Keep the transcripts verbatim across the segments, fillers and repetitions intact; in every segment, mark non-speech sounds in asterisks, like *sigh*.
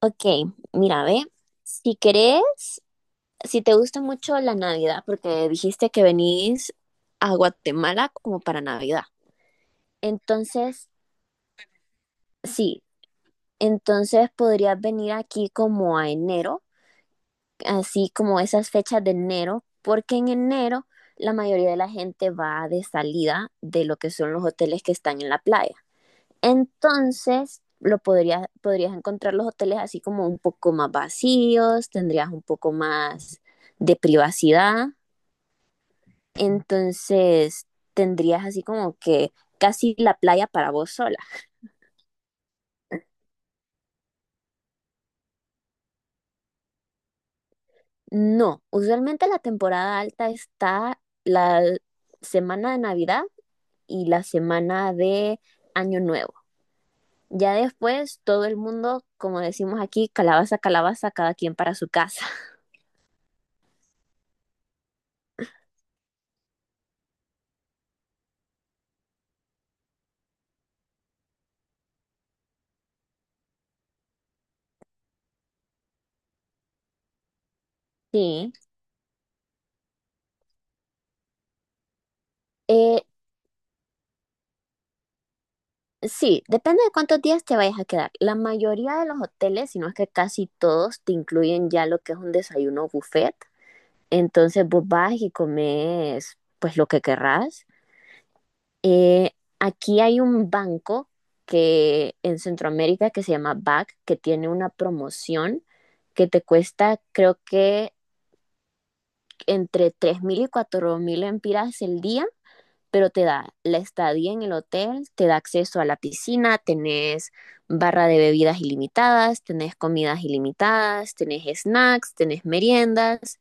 Ok, mira, ve, si querés, si te gusta mucho la Navidad, porque dijiste que venís a Guatemala como para Navidad, entonces, sí, entonces podrías venir aquí como a enero, así como esas fechas de enero, porque en enero la mayoría de la gente va de salida de lo que son los hoteles que están en la playa. Entonces, lo podrías, podrías encontrar los hoteles así como un poco más vacíos, tendrías un poco más de privacidad, entonces tendrías así como que casi la playa para vos sola. No, usualmente la temporada alta está la semana de Navidad y la semana de Año Nuevo. Ya después todo el mundo, como decimos aquí, calabaza, calabaza, cada quien para su casa. Sí. Eh, Sí, depende de cuántos días te vayas a quedar. La mayoría de los hoteles, si no es que casi todos, te incluyen ya lo que es un desayuno buffet. Entonces vos vas y comes pues lo que querrás. Eh, Aquí hay un banco que en Centroamérica que se llama B A C, que tiene una promoción que te cuesta creo que entre tres mil y cuatro mil empiras el día, pero te da la estadía en el hotel, te da acceso a la piscina, tenés barra de bebidas ilimitadas, tenés comidas ilimitadas, tenés snacks, tenés meriendas.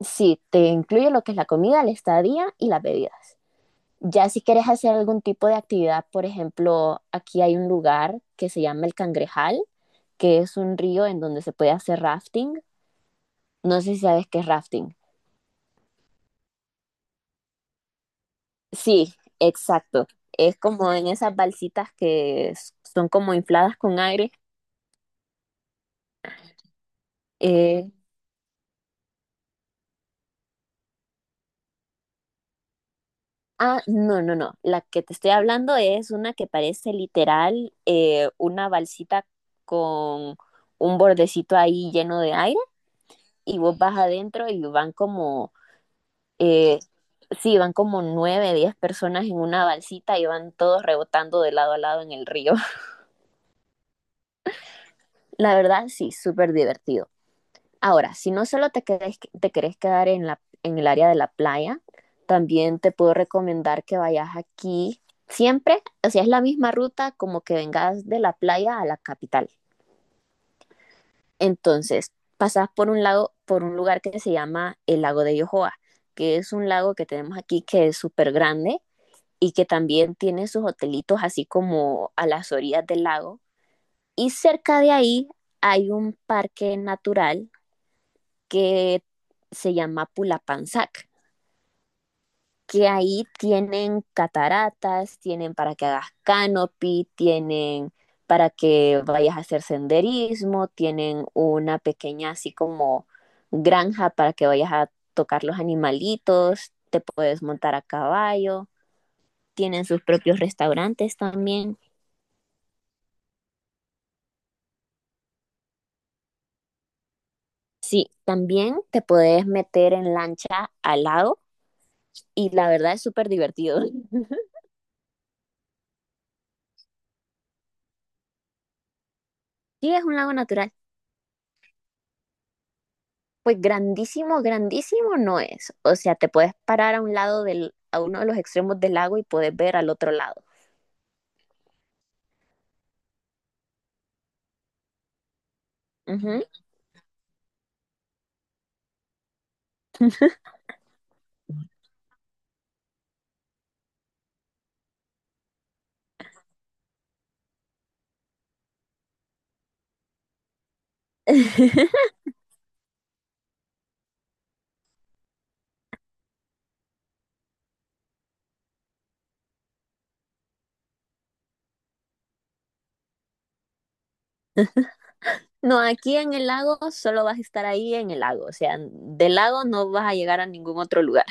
Sí, te incluye lo que es la comida, la estadía y las bebidas. Ya si quieres hacer algún tipo de actividad, por ejemplo, aquí hay un lugar que se llama el Cangrejal, que es un río en donde se puede hacer rafting. No sé si sabes qué es rafting. Sí, exacto. Es como en esas balsitas que s- son como infladas con aire. Eh, ah, no, no, no. La que te estoy hablando es una que parece literal eh, una balsita con un bordecito ahí lleno de aire y vos vas adentro y van como, eh, sí, van como nueve, diez personas en una balsita y van todos rebotando de lado a lado en el río. *laughs* La verdad, sí, súper divertido. Ahora, si no solo te querés, te querés quedar en, la, en el área de la playa, también te puedo recomendar que vayas aquí siempre, o sea, es la misma ruta como que vengas de la playa a la capital. Entonces, pasas por un lago, por un lugar que se llama el lago de Yohoa, que es un lago que tenemos aquí que es súper grande y que también tiene sus hotelitos así como a las orillas del lago. Y cerca de ahí hay un parque natural que se llama Pulapanzac, que ahí tienen cataratas, tienen para que hagas canopy, tienen para que vayas a hacer senderismo, tienen una pequeña así como granja para que vayas a tocar los animalitos, te puedes montar a caballo, tienen sus propios restaurantes también. Sí, también te puedes meter en lancha al lago y la verdad es súper divertido. *laughs* Sí, es un lago natural. Pues grandísimo, grandísimo no es. O sea, te puedes parar a un lado del, a uno de los extremos del lago y puedes ver al otro lado. Ujú. *laughs* No, aquí en el lago solo vas a estar ahí en el lago. O sea, del lago no vas a llegar a ningún otro lugar.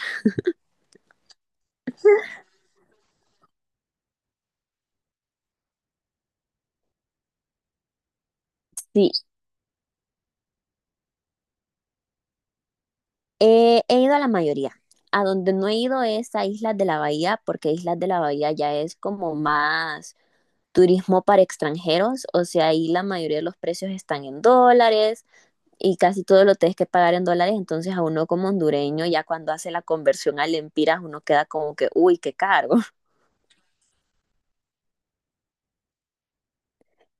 Sí, eh, he ido a la mayoría. A donde no he ido es a Islas de la Bahía, porque Islas de la Bahía ya es como más turismo para extranjeros. O sea, ahí la mayoría de los precios están en dólares y casi todo lo tienes que pagar en dólares, entonces a uno como hondureño, ya cuando hace la conversión a lempiras, uno queda como que, uy, qué caro. *laughs*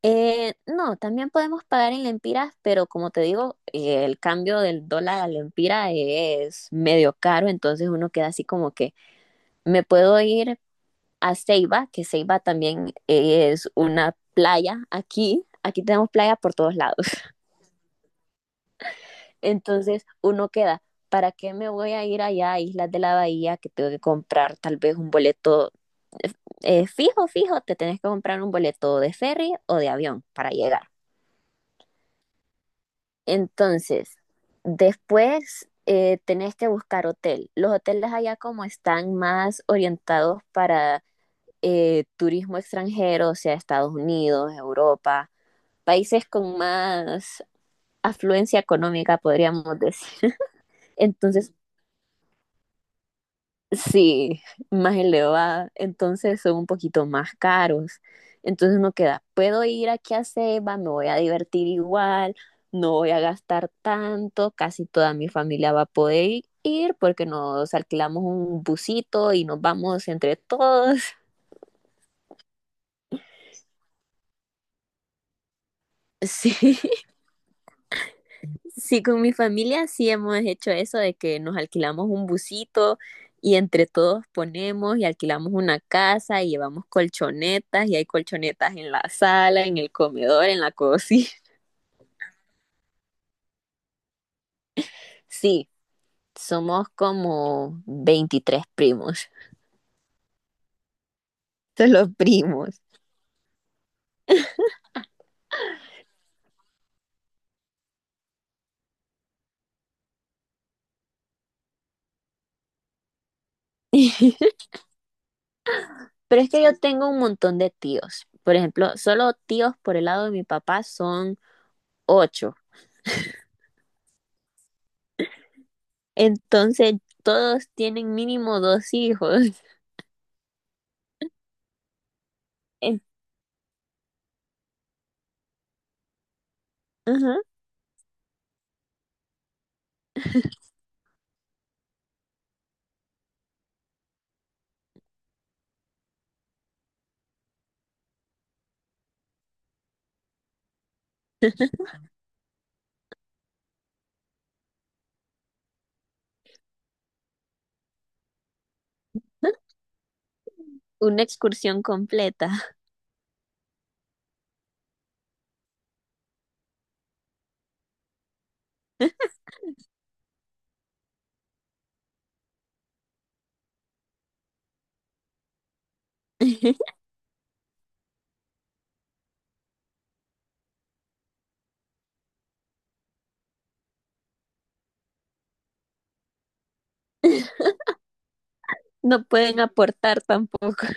Eh, no, también podemos pagar en lempiras, pero como te digo, eh, el cambio del dólar a lempira es medio caro, entonces uno queda así como que, me puedo ir a Ceiba, que Ceiba también eh, es una playa aquí, aquí tenemos playa por todos lados. Entonces uno queda, ¿para qué me voy a ir allá a Islas de la Bahía que tengo que comprar tal vez un boleto eh, eh, fijo, fijo? Te tenés que comprar un boleto de ferry o de avión para llegar. Entonces, después eh, tenés que buscar hotel. Los hoteles allá como están más orientados para eh, turismo extranjero, o sea, Estados Unidos, Europa, países con más afluencia económica, podríamos decir. *laughs* Entonces, sí, más elevada, entonces son un poquito más caros. Entonces uno queda, puedo ir aquí a Ceiba, me voy a divertir igual, no voy a gastar tanto, casi toda mi familia va a poder ir porque nos alquilamos un busito y nos vamos entre todos. *laughs* Sí, sí, con mi familia sí hemos hecho eso de que nos alquilamos un busito y entre todos ponemos y alquilamos una casa y llevamos colchonetas y hay colchonetas en la sala, en el comedor, en la cocina. *laughs* Sí, somos como veintitrés primos, *laughs* son los primos. *laughs* Pero es que yo tengo un montón de tíos. Por ejemplo, solo tíos por el lado de mi papá son ocho. Entonces, todos tienen mínimo dos hijos. *laughs* En- Ajá. Una excursión completa. *laughs* No pueden aportar tampoco.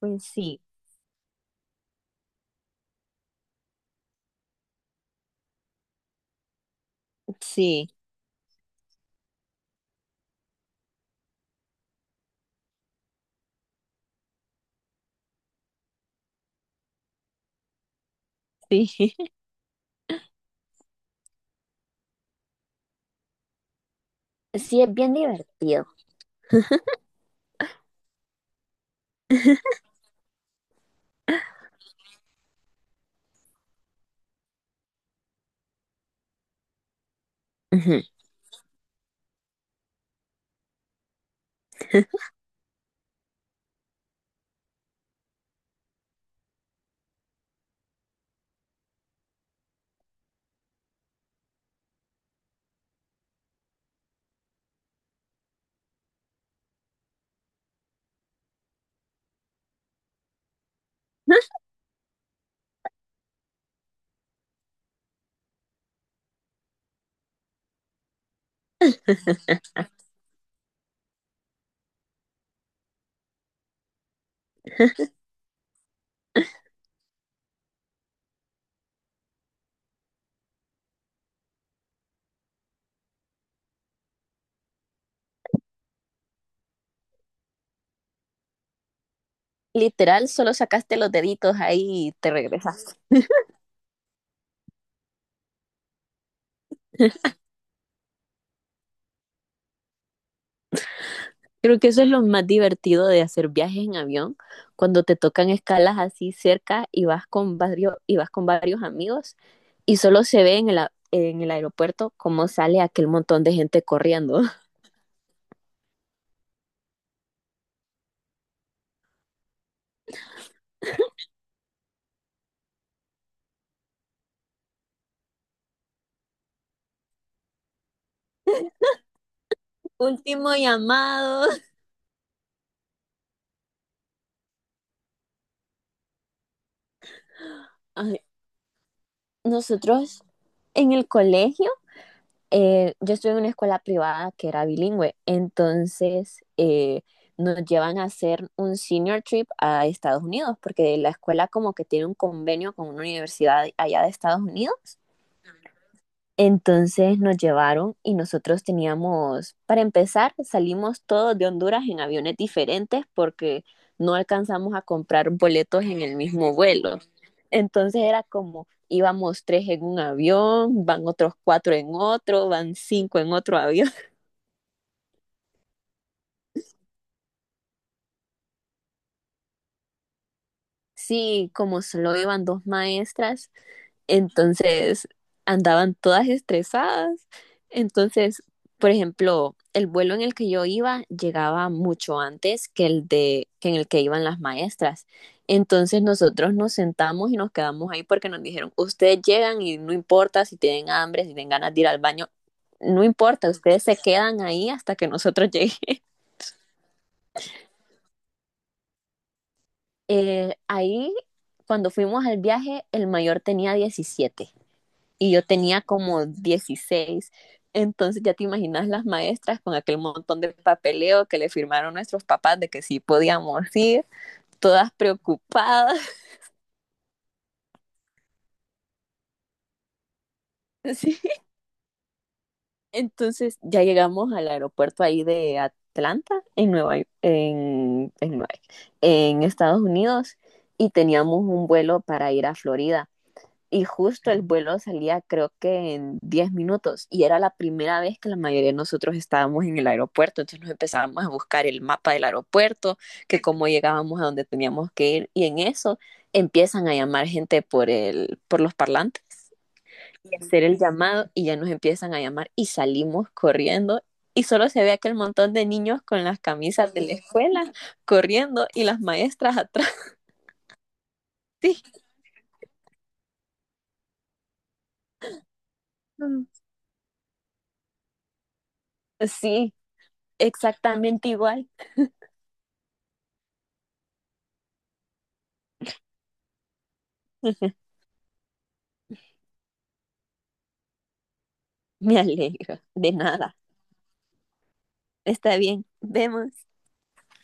Pues sí, sí, sí. *laughs* Sí, es bien divertido. Ujú. *laughs* Literal, solo sacaste los deditos ahí y te regresaste. *laughs* Creo que eso es lo más divertido de hacer viajes en avión, cuando te tocan escalas así cerca y vas con varios, y vas con varios amigos y solo se ve en el, a- en el aeropuerto cómo sale aquel montón de gente corriendo. *laughs* Último llamado. Ay. Nosotros en el colegio, eh, yo estuve en una escuela privada que era bilingüe, entonces eh, nos llevan a hacer un senior trip a Estados Unidos, porque la escuela como que tiene un convenio con una universidad allá de Estados Unidos, entonces nos llevaron y nosotros teníamos, para empezar, salimos todos de Honduras en aviones diferentes porque no alcanzamos a comprar boletos en el mismo vuelo. Entonces era como íbamos tres en un avión, van otros cuatro en otro, van cinco en otro avión. *laughs* Sí, como solo iban dos maestras, entonces andaban todas estresadas. Entonces, por ejemplo, el vuelo en el que yo iba llegaba mucho antes que el de que en el que iban las maestras. Entonces nosotros nos sentamos y nos quedamos ahí porque nos dijeron, ustedes llegan y no importa si tienen hambre, si tienen ganas de ir al baño, no importa, ustedes se quedan ahí hasta que nosotros lleguemos. *laughs* Eh, ahí, cuando fuimos al viaje, el mayor tenía diecisiete, y yo tenía como dieciséis. Entonces ya te imaginas las maestras con aquel montón de papeleo que le firmaron nuestros papás de que sí podíamos ir, todas preocupadas. *laughs* ¿Sí? Entonces ya llegamos al aeropuerto ahí de Atlanta, en Nueva York, en, en, en Estados Unidos, y teníamos un vuelo para ir a Florida. Y justo el vuelo salía creo que en diez minutos y era la primera vez que la mayoría de nosotros estábamos en el aeropuerto, entonces nos empezábamos a buscar el mapa del aeropuerto, que cómo llegábamos a donde teníamos que ir, y en eso empiezan a llamar gente por el por los parlantes y hacer el llamado, y ya nos empiezan a llamar y salimos corriendo, y solo se ve aquel montón de niños con las camisas de la escuela corriendo y las maestras atrás. *laughs* Sí, sí, exactamente igual. *laughs* *laughs* Me alegra. De nada. Está bien. Vemos.